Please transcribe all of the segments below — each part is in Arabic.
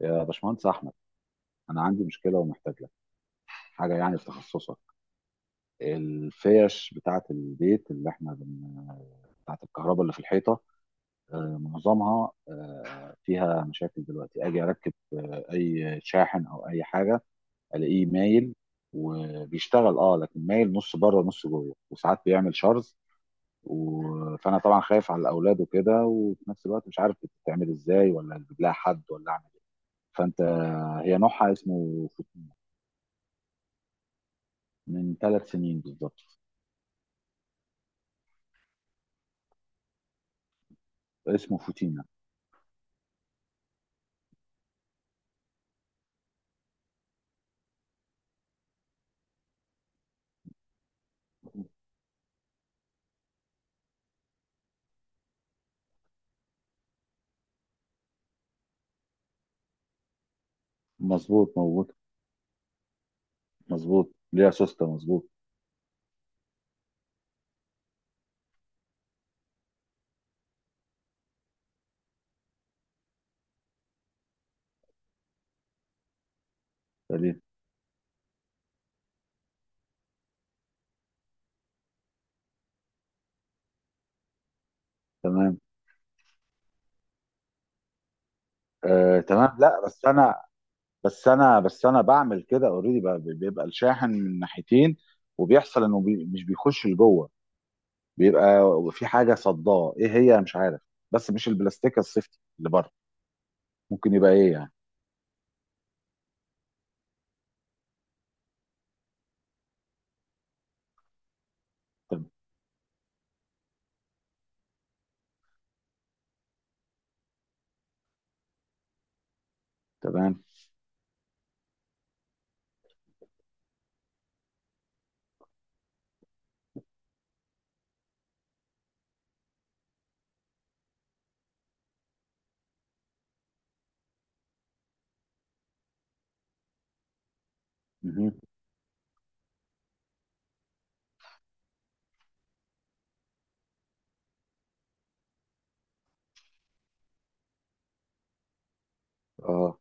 يا باشمهندس احمد، انا عندي مشكله ومحتاج لك حاجه يعني في تخصصك. الفيش بتاعه البيت بتاعه الكهرباء اللي في الحيطه، معظمها فيها مشاكل. دلوقتي اجي اركب اي شاحن او اي حاجه الاقيه مايل وبيشتغل، لكن مايل نص بره ونص جوه وساعات بيعمل شرز فانا طبعا خايف على الاولاد وكده، وفي نفس الوقت مش عارف بتتعمل ازاي، ولا اجيب لها حد ولا اعمل ايه. فانت هي نوعها اسمه. من 3 سنين بالظبط. اسمه فوتينا. مظبوط، مظبوط، مظبوط. ليا سوسته، مظبوط، سليم، تمام. تمام، لا، بس انا بعمل كده اوريدي، بيبقى الشاحن من ناحيتين، وبيحصل انه مش بيخش لجوه، بيبقى في حاجه صداه، ايه هي مش عارف، بس مش البلاستيك السيفتي اللي بره. ممكن يبقى ايه يعني؟ تم- تمام. مهم. اه،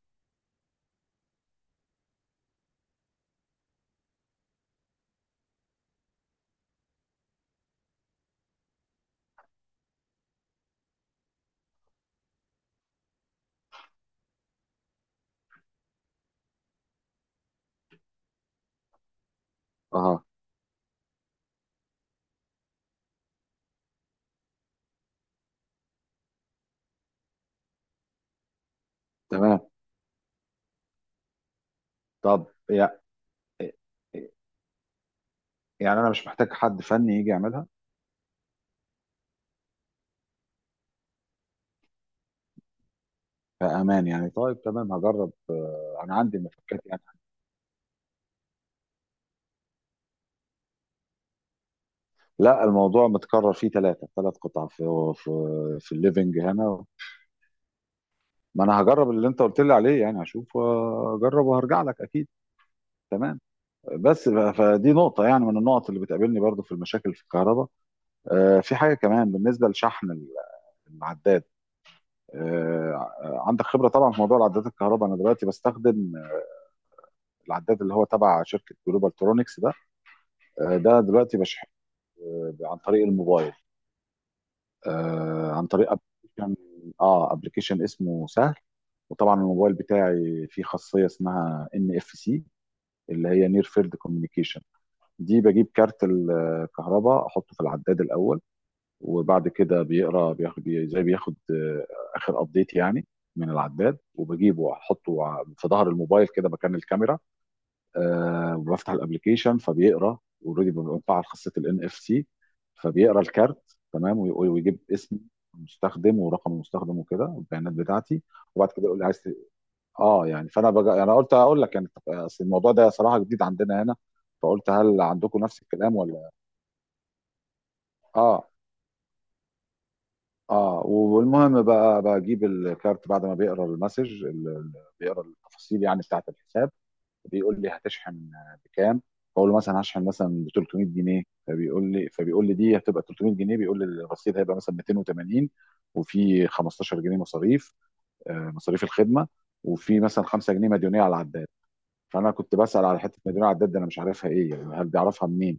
اه، تمام. طب يعني انا مش محتاج حد فني يجي يعملها؟ في امان يعني؟ طيب، تمام، هجرب. انا عندي مفكات يعني. لا، الموضوع متكرر، فيه ثلاث قطع في الليفنج هنا. ما انا هجرب اللي انت قلت لي عليه، يعني هشوف واجرب وهرجع لك اكيد. تمام. بس فدي نقطه يعني، من النقط اللي بتقابلني برضو في المشاكل في الكهرباء. في حاجه كمان بالنسبه لشحن العداد. آه، عندك خبره طبعا في موضوع العدادات الكهرباء. انا دلوقتي بستخدم العداد اللي هو تبع شركه جلوبال ترونكس ده. ده دلوقتي بشحن عن طريق الموبايل، عن طريق ابلكيشن. اه ابلكيشن اسمه سهل. وطبعا الموبايل بتاعي فيه خاصيه اسمها ان اف سي، اللي هي نير فيلد كوميونيكيشن. دي بجيب كارت الكهرباء احطه في العداد الاول، وبعد كده بياخد زي بياخد اخر ابديت يعني من العداد، وبجيبه واحطه في ظهر الموبايل كده مكان الكاميرا. بفتح الابلكيشن فبيقرا اوريدي، بنفعل خاصيه الان اف سي، فبيقرا الكارت تمام، ويجيب اسم المستخدم ورقم المستخدم وكده والبيانات بتاعتي. وبعد كده يقول لي عايز اه يعني، فانا انا قلت هقول لك يعني، اصل الموضوع ده صراحه جديد عندنا هنا، فقلت هل عندكم نفس الكلام ولا. اه اه والمهم بقى بجيب الكارت بعد ما بيقرا المسج، بيقرا التفاصيل يعني بتاعت الحساب، بيقول لي هتشحن بكام. بقول له مثلا هشحن مثلا ب 300 جنيه، فبيقول لي دي هتبقى 300 جنيه، بيقول لي الرصيد هيبقى مثلا 280، وفي 15 جنيه مصاريف الخدمه، وفي مثلا 5 جنيه مديونيه على العداد. فانا كنت بسال على حته مديونيه على العداد دي، انا مش عارفها ايه يعني، هل بيعرفها منين؟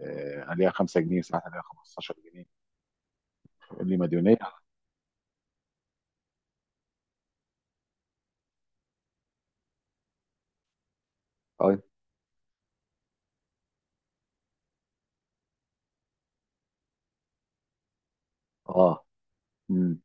عليها 5 جنيه، ساعات عليها 15 جنيه. يقول لي مديونيه. طيب. اه. امم.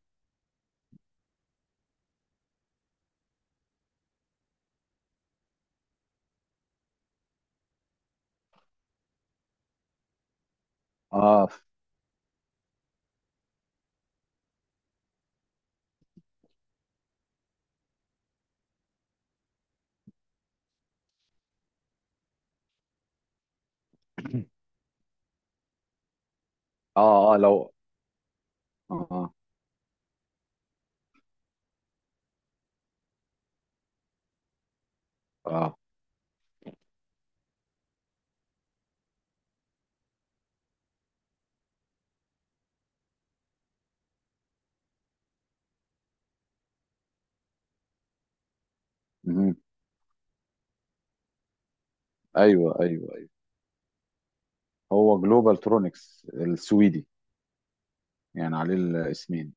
اه. اه، اه، اه، اه، مهم. ايوه، ايوه، هو جلوبال ترونكس السويدي، يعني عليه الاسمين.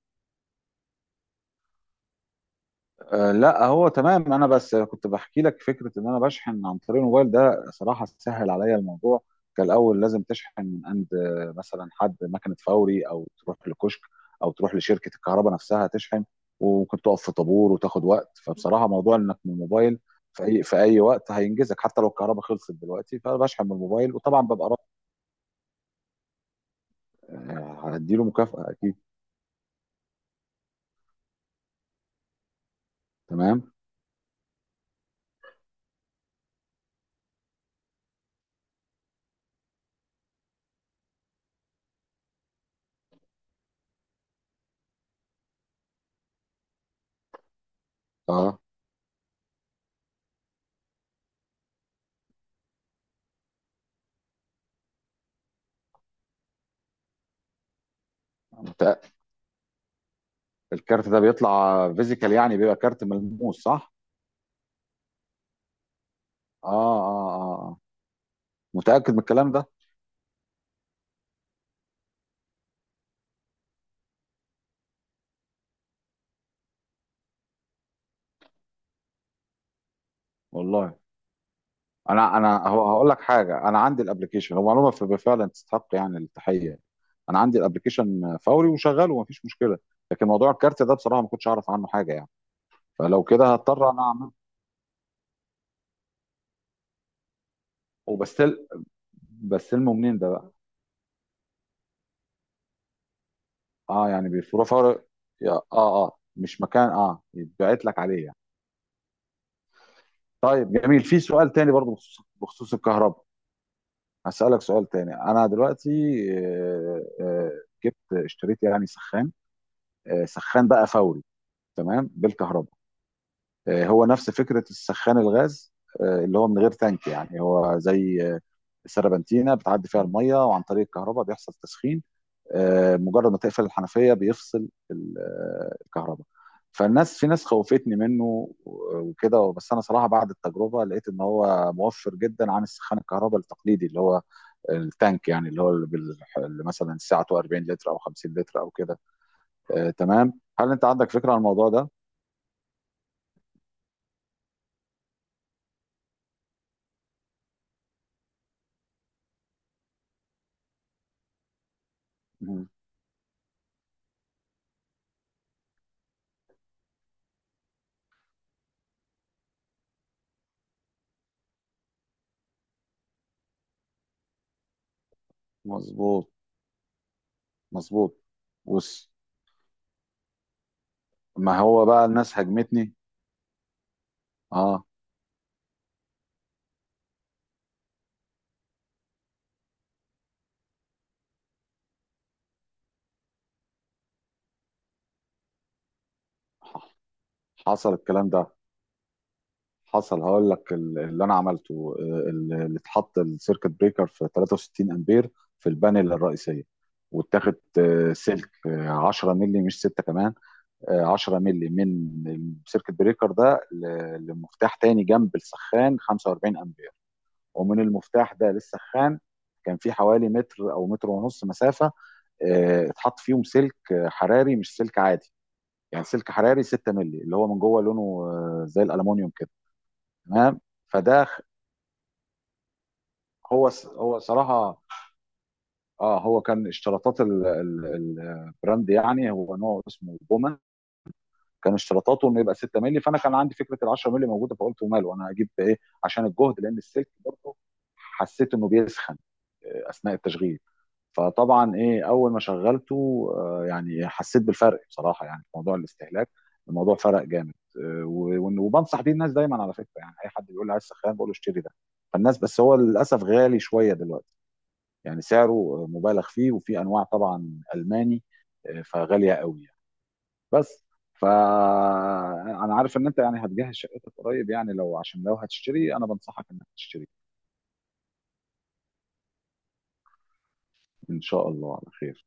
أه لا، هو تمام، انا بس كنت بحكي لك فكره ان انا بشحن عن طريق الموبايل ده، صراحه سهل عليا الموضوع. كان الاول لازم تشحن من عند مثلا حد مكنه فوري، او تروح لكشك، او تروح لشركه الكهرباء نفسها تشحن، وممكن تقف في طابور وتاخد وقت. فبصراحه موضوع انك من الموبايل في اي وقت هينجزك، حتى لو الكهرباء خلصت دلوقتي فبشحن من الموبايل، وطبعا ببقى رافع. هديله مكافاه اكيد. تمام. اه الكارت ده بيطلع فيزيكال، يعني بيبقى كارت ملموس صح؟ اه، اه، اه. آه. متأكد من الكلام ده؟ والله. انا هقول لك حاجه، انا عندي الابلكيشن، هو معلومه فعلا تستحق يعني التحيه. انا عندي الابلكيشن فوري وشغال ومفيش مشكله، لكن موضوع الكارت ده بصراحه ما كنتش اعرف عنه حاجه يعني. فلو كده هضطر انا اعمل. وبستل بستلمه منين ده بقى؟ اه يعني بيفرو فوري. يا- اه اه مش مكان، يتبعت لك عليه يعني. طيب جميل، في سؤال تاني برضه بخصوص الكهرباء. هسألك سؤال تاني. أنا دلوقتي آه، آه، اشتريت يعني سخان، سخان بقى فوري، تمام، بالكهرباء. هو نفس فكرة السخان الغاز، اللي هو من غير تانك يعني، هو زي سربنتينة بتعدي فيها المية، وعن طريق الكهرباء بيحصل تسخين. مجرد ما تقفل الحنفيه بيفصل الكهرباء. في ناس خوفتني منه وكده، بس انا صراحه بعد التجربه لقيت ان هو موفر جدا عن السخان الكهرباء التقليدي، اللي هو التانك يعني، اللي هو اللي, بال... اللي مثلا الساعه 40 لتر او 50 لتر او كده. تمام. هل انت عندك فكره عن الموضوع ده؟ مم. مظبوط، مظبوط. بص، ما هو بقى الناس هاجمتني. اه. حصل الكلام ده، حصل هقول لك اللي انا عملته، اللي اتحط السيركت بريكر في 63 امبير في البانل الرئيسيه، واتاخد سلك 10 مللي مش 6 كمان، 10 مللي من السيركت بريكر ده لمفتاح تاني جنب السخان 45 امبير، ومن المفتاح ده للسخان كان في حوالي متر او متر ونص مسافه. اتحط فيهم سلك حراري مش سلك عادي، يعني سلك حراري 6 مللي، اللي هو من جوه لونه زي الالومنيوم كده. تمام. فده هو هو صراحه، اه هو كان اشتراطات البراند، يعني هو نوع اسمه بوما. كان اشتراطاته انه يبقى 6 مللي، فانا كان عندي فكره ال 10 مللي موجوده، فقلت وماله، انا هجيب ايه عشان الجهد؟ لان السلك برضه حسيت انه بيسخن اثناء التشغيل. فطبعا ايه اول ما شغلته يعني حسيت بالفرق بصراحه، يعني في موضوع الاستهلاك الموضوع فرق جامد، وبنصح بيه الناس دايما على فكره، يعني اي حد بيقول لي عايز سخان بقول له اشتري ده. فالناس، بس هو للاسف غالي شويه دلوقتي، يعني سعره مبالغ فيه، وفي انواع طبعا الماني فغاليه قوي يعني. بس فانا عارف ان انت يعني هتجهز شقتك قريب، يعني لو هتشتري انا بنصحك انك تشتري. ان شاء الله على خير.